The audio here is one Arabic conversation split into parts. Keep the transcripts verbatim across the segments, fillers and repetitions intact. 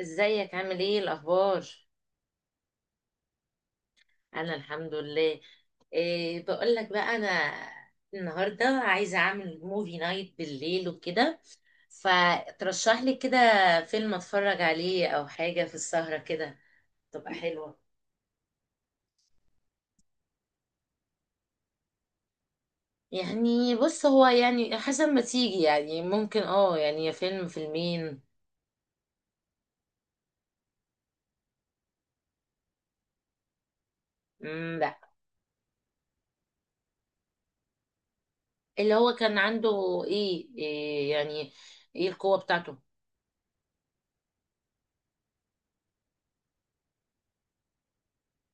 ازيك عامل ايه الاخبار؟ انا الحمد لله. إيه، بقول لك بقى، انا النهارده عايزه اعمل موفي نايت بالليل وكده. فترشح لي كده فيلم اتفرج عليه او حاجه في السهره كده تبقى حلوه. يعني بص، هو يعني حسب ما تيجي، يعني ممكن اه يعني يا فيلم فيلمين. مم، لا. اللي هو كان عنده ايه, إيه يعني، ايه القوه بتاعته؟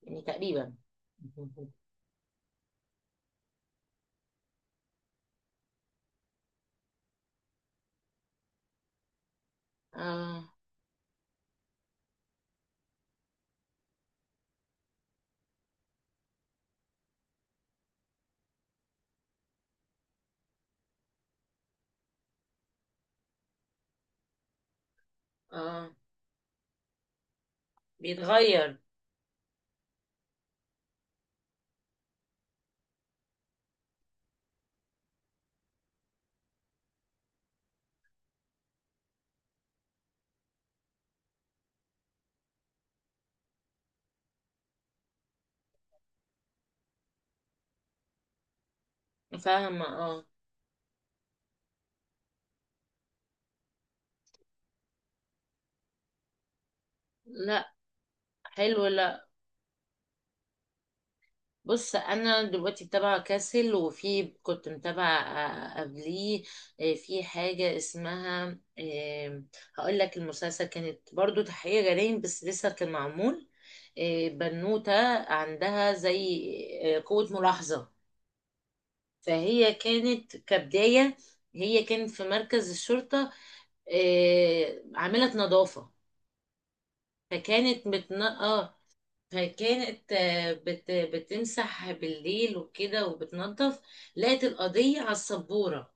يعني تقريبا. اه. اه. بيتغير. فاهمة، اه. لا، حلو، لا. بص، انا دلوقتي متابعة كاسل، وفي كنت متابعة آه، قبليه. آه، في حاجة اسمها، آه، هقول لك المسلسل، كانت برضو تحقيق جرائم بس لسه كان معمول. آه، بنوتة عندها زي آه، قوة ملاحظة. فهي كانت كبداية، هي كانت في مركز الشرطة، آه، عاملة نظافة. فكانت متن... اه فكانت آه، بت بتمسح بالليل وكده وبتنظف. لقت القضية على السبورة،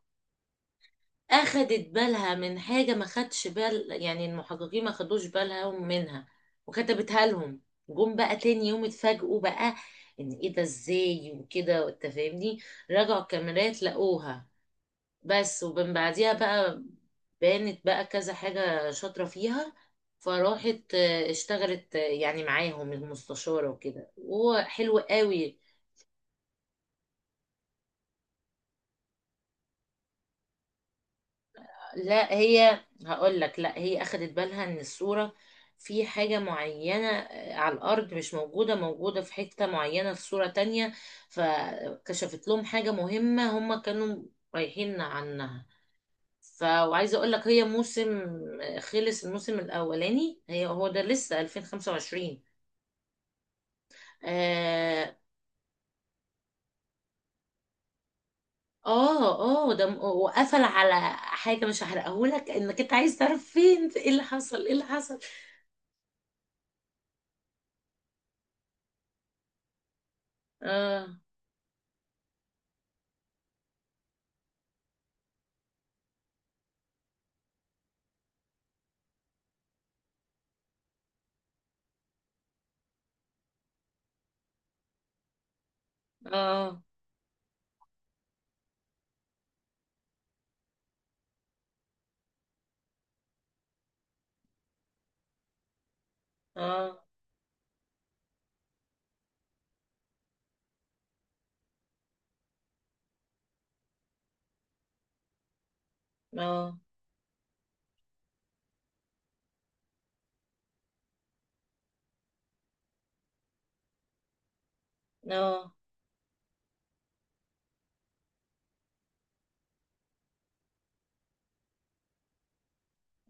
أخدت بالها من حاجة ما خدش بال، يعني المحققين ما خدوش بالهم منها، وكتبتها لهم. جم بقى تاني يوم اتفاجئوا بقى، ان ايه ده ازاي وكده، انت فاهمني. رجعوا الكاميرات لقوها. بس، ومن بعديها بقى بانت بقى كذا حاجة شاطرة فيها. فراحت آه، اشتغلت آه، يعني معاهم المستشارة وكده، وهو حلو قوي. لا، هي هقول لك، لا هي اخدت بالها ان الصورة، في حاجة معينة آه، على الأرض مش موجودة، موجودة في حتة معينة في صورة تانية. فكشفت لهم حاجة مهمة هم كانوا رايحين عنها. ف وعايزه اقول لك، هي موسم، آه، خلص الموسم الاولاني. هي هو ده لسه ألفين وخمسة وعشرين. اه. اه. آه، ده م- وقفل على حاجه مش هحرقهولك، انك انت عايز تعرف فين ايه اللي حصل، ايه اللي حصل. اه. اه. اه. اه. اه.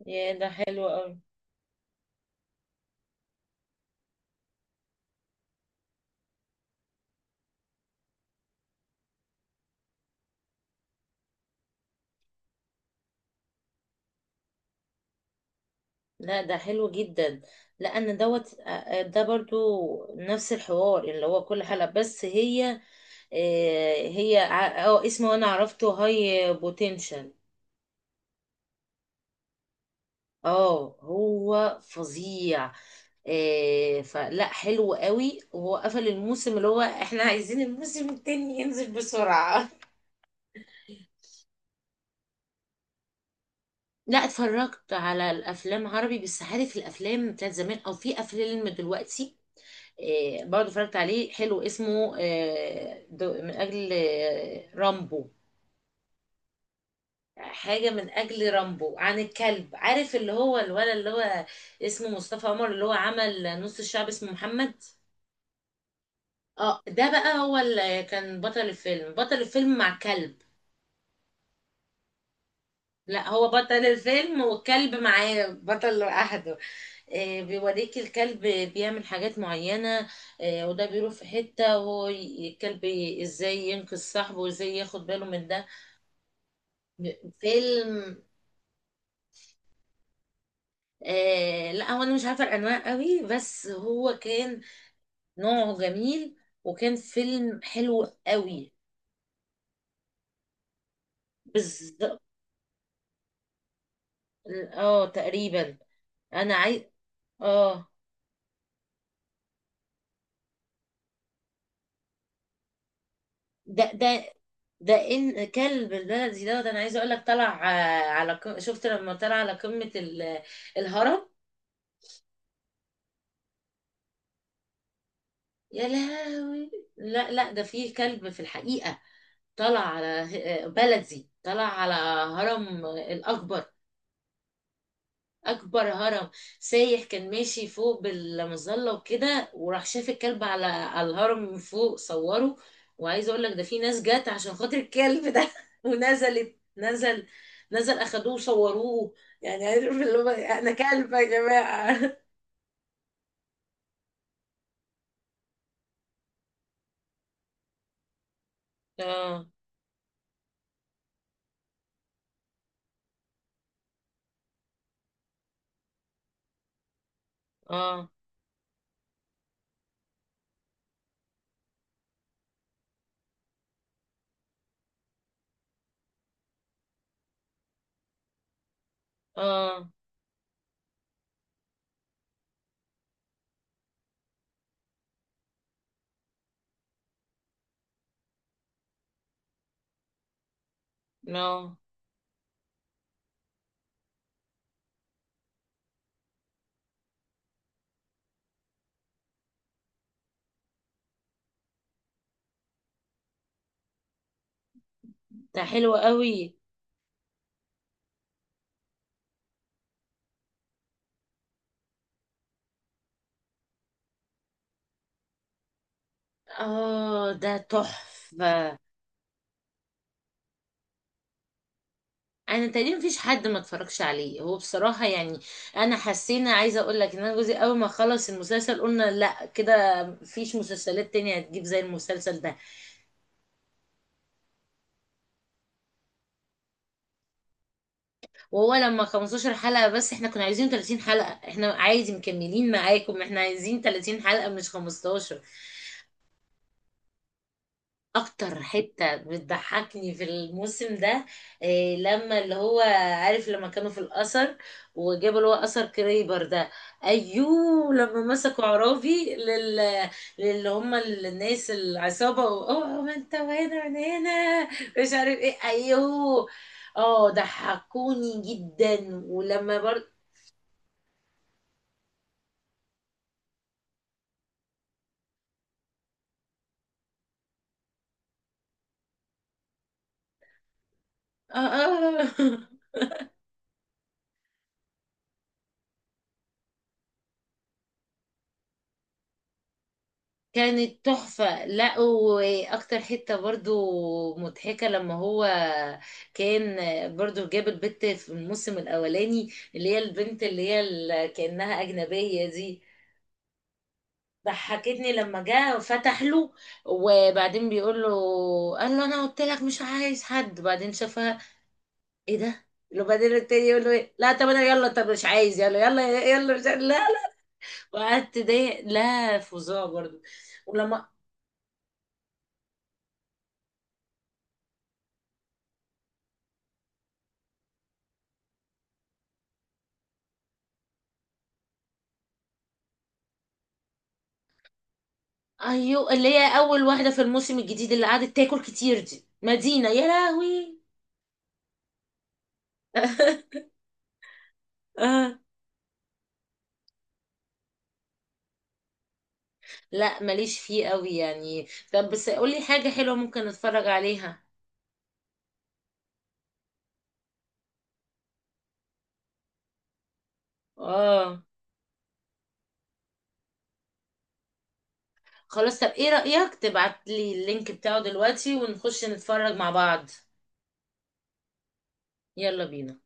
يا، ده حلو قوي. لا، ده حلو جدا. لا، انا دوت. آه، آه، ده برضو نفس الحوار اللي هو كل حلقه، بس هي آه، هي ع- اه اسمه انا عرفته، هاي بوتنشال. اه، هو فظيع. آه، فلا، حلو قوي. وهو قفل الموسم، اللي هو احنا عايزين الموسم التاني ينزل بسرعة. لا، اتفرجت على الافلام عربي، بس عارف الافلام بتاعت زمان او في افلام دلوقتي، آه، برضه اتفرجت عليه، حلو، اسمه آه، دو- من اجل آه، رامبو. حاجة من أجل رامبو، عن الكلب، عارف اللي هو الولد، اللي هو اسمه مصطفى عمر، اللي هو عمل نص الشعب، اسمه محمد. اه، ده بقى هو اللي كان بطل الفيلم بطل الفيلم مع كلب. لا، هو بطل الفيلم والكلب معاه بطل لوحده. آه، بيوريك الكلب بيعمل حاجات معينة. آه، وده بيروح في حتة، وهو ي- الكلب ازاي ينقذ صاحبه، وازاي ياخد باله من ده. فيلم. آه لا، هو انا مش عارفة الانواع قوي، بس هو كان نوعه جميل، وكان فيلم حلو قوي. بالظبط. اه، تقريبا. انا عايز. اه ده ده ده ان كلب البلدي ده, ده انا عايزه اقول لك، طلع آه، على ق- شفت لما طلع على قمه ال- الهرم. يا لهوي. لا لا، ده فيه كلب في الحقيقه، طلع على آه، بلدي، طلع على هرم آه، الاكبر، اكبر هرم. سايح كان ماشي فوق بالمظله وكده، وراح شاف الكلب على على الهرم من فوق، صوره. وعايزه اقول لك ده في ناس جت عشان خاطر الكلب ده. ونزلت نزل نزل اخدوه وصوروه. يعني عارف اللي هو، انا كلب يا جماعه. اه. اه. اه. نو. ده حلو قوي. اه، ده تحفه. انا تقريبا مفيش حد ما اتفرجش عليه، هو بصراحه يعني. انا حسينا عايزه اقول لك ان انا جوزي اول ما خلص المسلسل قلنا، لا كده مفيش مسلسلات تانية هتجيب زي المسلسل ده. وهو لما خمستاشر حلقة حلقه بس، احنا كنا عايزين تلاتين حلقة حلقه. احنا عادي مكملين معاكم، احنا عايزين ثلاثين حلقة حلقه مش خمستاشر. اكتر حتة بتضحكني في الموسم ده، إيه لما اللي هو، عارف لما كانوا في الأثر وجابوا اللي هو أثر كريبر ده، ايوه لما مسكوا عرافي لل للي هم الناس العصابة، و- اوه، ما انت وهنا وانا هنا، مش عارف ايه، ايوه. اه، ضحكوني جدا. ولما برضه آه آه كانت تحفة. لا، وأكتر حتة برضو مضحكة لما هو كان، برضو جاب البت في الموسم الأولاني، اللي هي البنت اللي هي ال- كأنها أجنبية دي. ضحكتني لما جه فتح له، وبعدين بيقول له، قال له أنا قلت لك مش عايز حد، وبعدين شافها، إيه ده، وبعدين التاني يقول له إيه؟ لا طب انا، يلا طب مش عايز، يلا يلا يلا، مش عايز لا. وقعدت ضايق، لا، فظاع برضو. ولما ايوه، اللي هي اول واحده في الموسم الجديد اللي قعدت تاكل كتير دي، مدينه، يا لهوي. آه. لا، ماليش فيه قوي يعني. طب بس قولي حاجه حلوه ممكن اتفرج عليها. اه. خلاص، طب ايه رايك تبعت لي اللينك بتاعه دلوقتي ونخش نتفرج مع بعض؟ يلا بينا.